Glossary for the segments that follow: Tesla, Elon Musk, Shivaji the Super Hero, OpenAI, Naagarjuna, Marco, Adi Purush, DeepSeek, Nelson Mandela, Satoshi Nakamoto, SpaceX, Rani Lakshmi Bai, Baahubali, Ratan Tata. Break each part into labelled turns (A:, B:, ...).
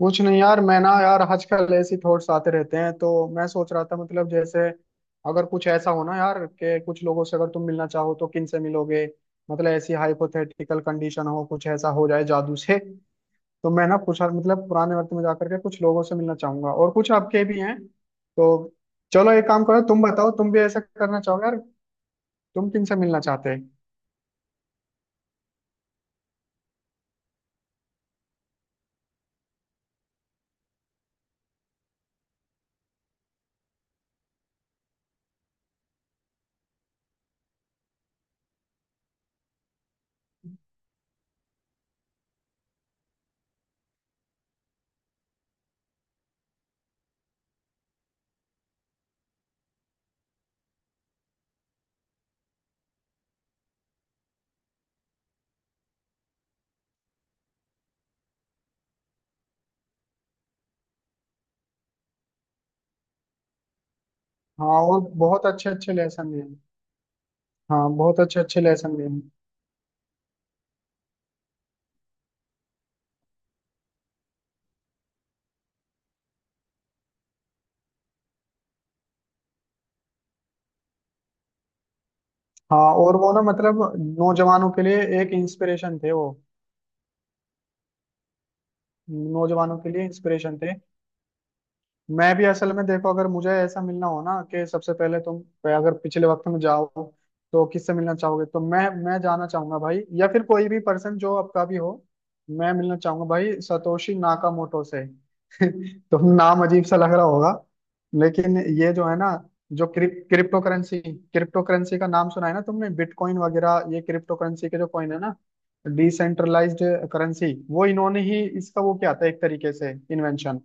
A: कुछ नहीं यार। मैं ना यार आजकल ऐसी थॉट्स आते रहते हैं, तो मैं सोच रहा था मतलब जैसे अगर कुछ ऐसा हो ना यार, कि कुछ लोगों से अगर तुम मिलना चाहो तो किन से मिलोगे। मतलब ऐसी हाइपोथेटिकल कंडीशन हो, कुछ ऐसा हो जाए जादू से, तो मैं ना कुछ मतलब पुराने वक्त में जाकर के कुछ लोगों से मिलना चाहूंगा, और कुछ आपके भी हैं तो। चलो एक काम करो, तुम बताओ तुम भी ऐसा करना चाहोगे यार? तुम किन से मिलना चाहते हैं? हाँ, और बहुत अच्छे अच्छे लेसन भी हैं। हाँ बहुत अच्छे अच्छे लेसन भी हैं। हाँ, और वो ना मतलब नौजवानों के लिए एक इंस्पिरेशन थे वो। नौजवानों के लिए इंस्पिरेशन थे। मैं भी असल में देखो, अगर मुझे ऐसा मिलना हो ना कि सबसे पहले तुम अगर पिछले वक्त में जाओ तो किससे मिलना चाहोगे, तो मैं जाना चाहूंगा भाई, या फिर कोई भी पर्सन जो आपका भी हो। मैं मिलना चाहूंगा भाई सतोशी नाकामोटो से। तो नाम अजीब सा लग रहा होगा, लेकिन ये जो है ना, जो क्रिप्टो करेंसी, क्रिप्टो करेंसी का नाम सुना है ना तुमने? बिटकॉइन वगैरह, ये क्रिप्टो करेंसी के जो कॉइन है ना, डिसेंट्रलाइज्ड करेंसी, वो इन्होंने ही इसका वो क्या था एक तरीके से इन्वेंशन।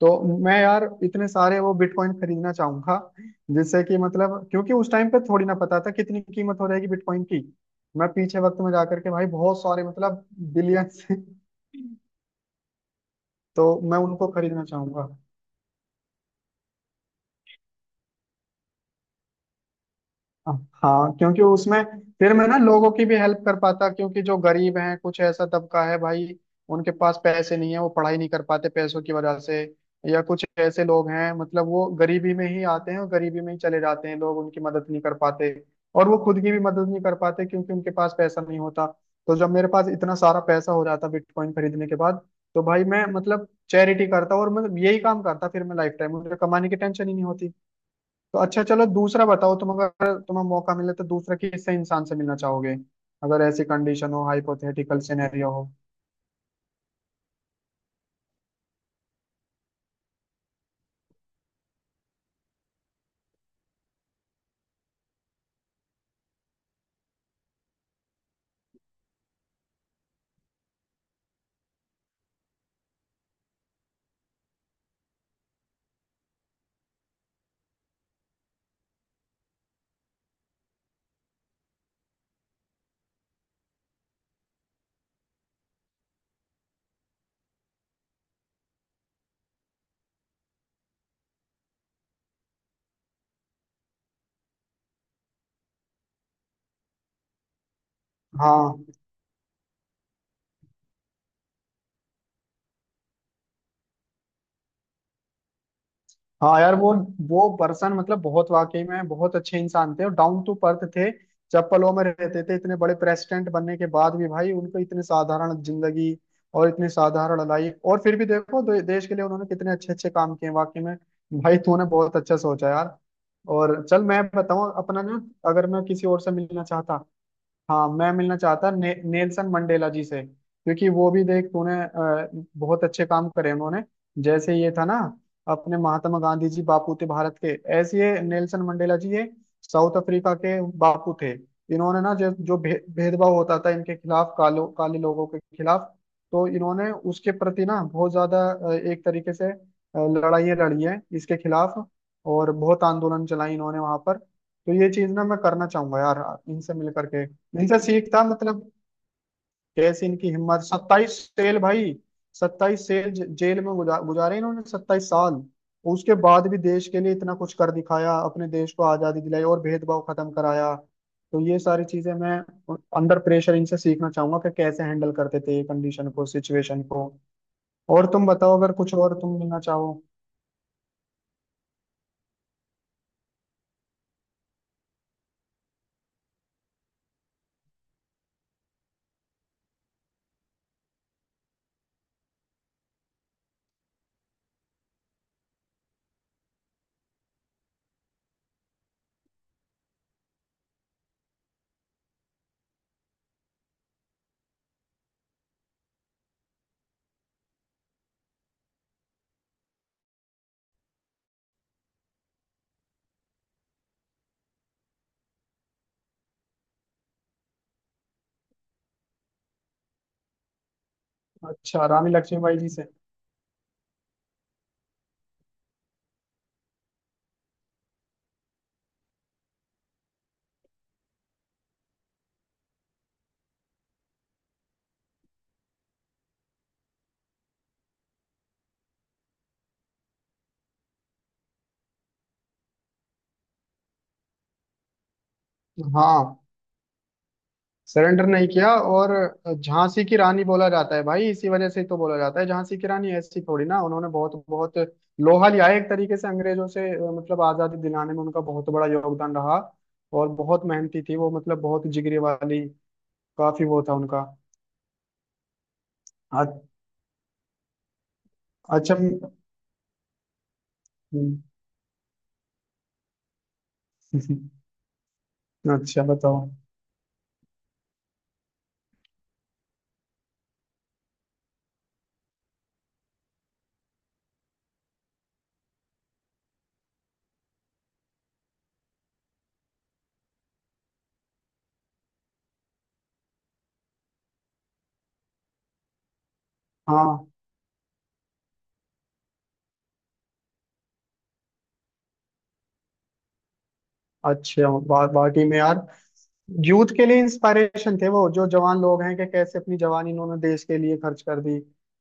A: तो मैं यार इतने सारे वो बिटकॉइन खरीदना चाहूंगा, जिससे कि मतलब क्योंकि उस टाइम पे थोड़ी ना पता था कितनी कीमत हो रहेगी बिटकॉइन की। मैं पीछे वक्त में जाकर के भाई बहुत सारे मतलब बिलियन। तो मैं उनको खरीदना चाहूंगा। हाँ क्योंकि उसमें फिर मैं ना लोगों की भी हेल्प कर पाता, क्योंकि जो गरीब हैं कुछ ऐसा तबका है भाई, उनके पास पैसे नहीं है, वो पढ़ाई नहीं कर पाते पैसों की वजह से। या कुछ ऐसे लोग हैं मतलब, वो गरीबी में ही आते हैं और गरीबी में ही चले जाते हैं, लोग उनकी मदद नहीं कर पाते, और वो खुद की भी मदद नहीं कर पाते क्योंकि उनके पास पैसा नहीं होता। तो जब मेरे पास इतना सारा पैसा हो जाता बिटकॉइन खरीदने के बाद, तो भाई मैं मतलब चैरिटी करता और मैं यही काम करता, फिर मैं लाइफ टाइम मुझे कमाने की टेंशन ही नहीं होती। तो अच्छा चलो, दूसरा बताओ तुम, अगर तुम्हें मौका मिले तो दूसरा किससे इंसान से मिलना चाहोगे? अगर ऐसी कंडीशन हो, हाइपोथेटिकल सिनेरियो हो। हाँ, हाँ यार वो पर्सन मतलब बहुत, वाकई में बहुत अच्छे इंसान थे और डाउन टू अर्थ थे। चप्पलों में रहते थे इतने बड़े प्रेसिडेंट बनने के बाद भी भाई, उनको इतने साधारण जिंदगी और इतने साधारण लाइफ, और फिर भी देखो देश के लिए उन्होंने कितने अच्छे अच्छे काम किए वाकई में। भाई तूने बहुत अच्छा सोचा यार। और चल मैं बताऊं अपना ना, अगर मैं किसी और से मिलना चाहता। हाँ, मैं मिलना चाहता नेल्सन मंडेला जी से, क्योंकि वो भी देख तूने, बहुत अच्छे काम करे उन्होंने। जैसे ये था ना, अपने महात्मा गांधी जी, बापू थे भारत के, ऐसे ये नेल्सन मंडेला जी ये साउथ अफ्रीका के बापू थे। इन्होंने ना जो जो भेदभाव होता था इनके खिलाफ, कालो काले लोगों के खिलाफ, तो इन्होंने उसके प्रति ना बहुत ज्यादा एक तरीके से लड़ाइयाँ लड़ी है इसके खिलाफ। और बहुत आंदोलन चलाई इन्होंने वहां पर, तो ये चीज ना मैं करना चाहूंगा यार, इनसे मिल करके। इनसे सीखता मतलब, कैसे इनकी हिम्मत, 27 सेल भाई, 27 सेल जेल में गुजारे इन्होंने, 27 साल। उसके बाद भी देश के लिए इतना कुछ कर दिखाया, अपने देश को आजादी दिलाई और भेदभाव खत्म कराया। तो ये सारी चीजें मैं अंडर प्रेशर इनसे सीखना चाहूंगा कि कैसे हैंडल करते थे ये कंडीशन को, सिचुएशन को। और तुम बताओ अगर कुछ और तुम मिलना चाहो। अच्छा रानी लक्ष्मीबाई जी से? हाँ। सरेंडर नहीं किया, और झांसी की रानी बोला जाता है भाई इसी वजह से ही तो, बोला जाता है झांसी की रानी। ऐसी थोड़ी ना, उन्होंने बहुत बहुत लोहा लिया है एक तरीके से अंग्रेजों से, मतलब आजादी दिलाने में उनका बहुत बड़ा योगदान रहा। और बहुत मेहनती थी वो, मतलब बहुत जिगरी वाली, काफी वो था उनका। अ- अच्छा। हम्म, अच्छा बताओ। हाँ अच्छे बाटी में यार। यूथ के लिए इंस्पायरेशन थे वो, जो जवान लोग हैं, कि कैसे अपनी जवानी इन्होंने देश के लिए खर्च कर दी।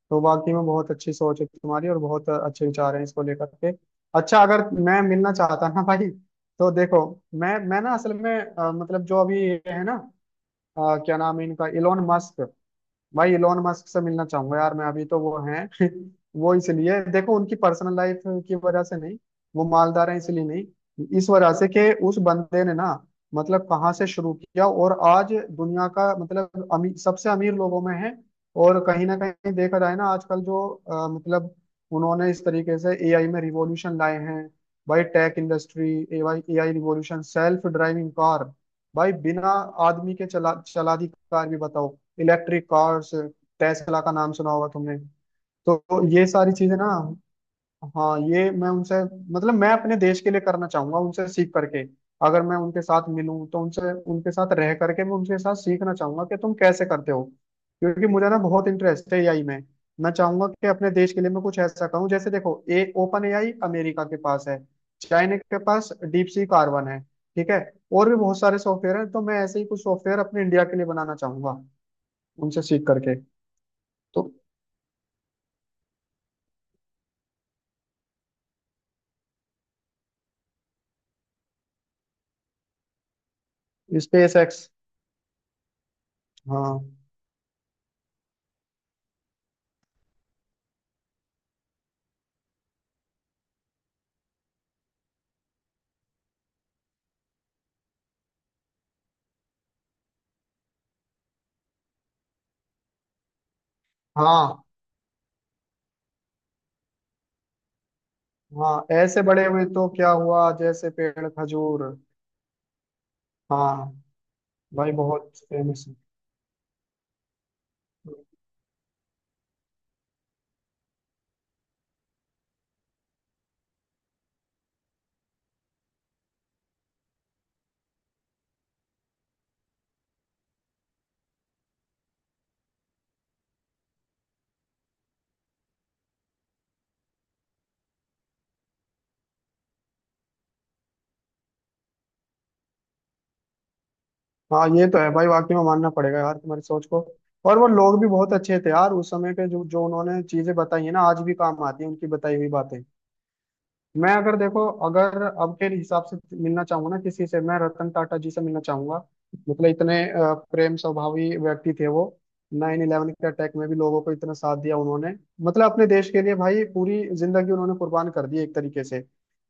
A: तो वाकई में बहुत अच्छी सोच है तुम्हारी, और बहुत अच्छे विचार हैं इसको लेकर के। अच्छा, अगर मैं मिलना चाहता ना भाई, तो देखो मैं ना असल में मतलब जो अभी ये है ना, क्या नाम है इनका, इलोन मस्क। भाई इलोन मस्क से मिलना चाहूंगा यार मैं, अभी तो वो हैं। वो इसलिए देखो, उनकी पर्सनल लाइफ की वजह से नहीं, वो मालदार हैं इसलिए नहीं, इस वजह से कि उस बंदे ने ना, मतलब कहाँ से शुरू किया और आज दुनिया का मतलब अमीर, सबसे अमीर लोगों में है। और कहीं ना कहीं देखा जाए ना, आजकल जो मतलब उन्होंने इस तरीके से एआई में रिवॉल्यूशन लाए हैं भाई, tech industry, AI, AI revolution, self driving car, भाई बिना आदमी के चला चला दी कार भी बताओ, इलेक्ट्रिक कार्स। टेस्ला का नाम सुना होगा तुमने। तो ये सारी चीजें ना, हाँ ये मैं उनसे मतलब मैं अपने देश के लिए करना चाहूंगा उनसे सीख करके। अगर मैं उनके साथ मिलूं, तो उनसे उनके साथ रह करके मैं उनके साथ सीखना चाहूंगा कि तुम कैसे करते हो। क्योंकि मुझे ना बहुत इंटरेस्ट है एआई में। मैं चाहूंगा कि अपने देश के लिए मैं कुछ ऐसा कहूँ, जैसे देखो ए ओपन एआई अमेरिका के पास है, चाइना के पास डीप सी कार्बन है, ठीक है। और भी बहुत सारे सॉफ्टवेयर है, तो मैं ऐसे ही कुछ सॉफ्टवेयर अपने इंडिया के लिए बनाना चाहूंगा, उनसे सीख करके। तो स्पेस एक्स। हाँ, हाँ, हाँ। ऐसे बड़े हुए तो क्या हुआ, जैसे पेड़ खजूर। हाँ भाई, बहुत फेमस है। हाँ ये तो है भाई, वाकई में मानना पड़ेगा यार तुम्हारी सोच को। और वो लोग भी बहुत अच्छे थे यार उस समय के, जो जो उन्होंने चीजें बताई है ना, आज भी काम आती है उनकी बताई हुई बातें। मैं अगर देखो, अगर अब के हिसाब से मिलना चाहूंगा ना किसी से, मैं रतन टाटा जी से मिलना चाहूंगा। मतलब इतने प्रेम स्वभावी व्यक्ति थे वो। 9/11 के अटैक में भी लोगों को इतना साथ दिया उन्होंने। मतलब अपने देश के लिए भाई पूरी जिंदगी उन्होंने कुर्बान कर दी एक तरीके से।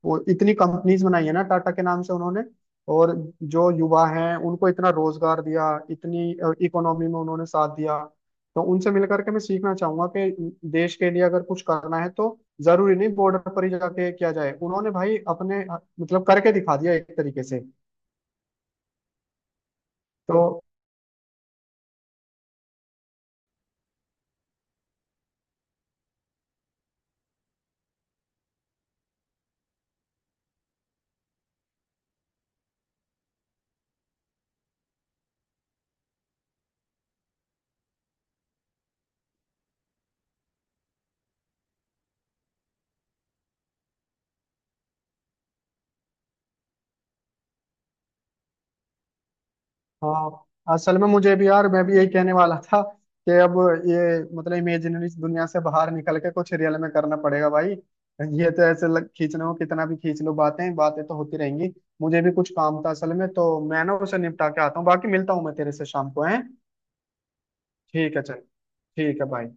A: वो इतनी कंपनीज बनाई है ना टाटा के नाम से उन्होंने। और जो युवा हैं उनको इतना रोजगार दिया, इतनी इकोनॉमी में उन्होंने साथ दिया। तो उनसे मिल करके मैं सीखना चाहूंगा, कि देश के लिए अगर कुछ करना है तो जरूरी नहीं बॉर्डर पर ही जाके किया जाए, उन्होंने भाई अपने मतलब करके दिखा दिया एक तरीके से। तो हाँ, असल में मुझे भी यार, मैं भी यही कहने वाला था कि अब ये मतलब इमेजिनरी दुनिया से बाहर निकल के कुछ रियल में करना पड़ेगा भाई। ये तो ऐसे खींचना हो कितना भी खींच लो, बातें बातें तो होती रहेंगी। मुझे भी कुछ काम था असल में, तो मैं ना उसे निपटा के आता हूँ, बाकी मिलता हूँ मैं तेरे से शाम को है। ठीक है चल। ठीक है भाई।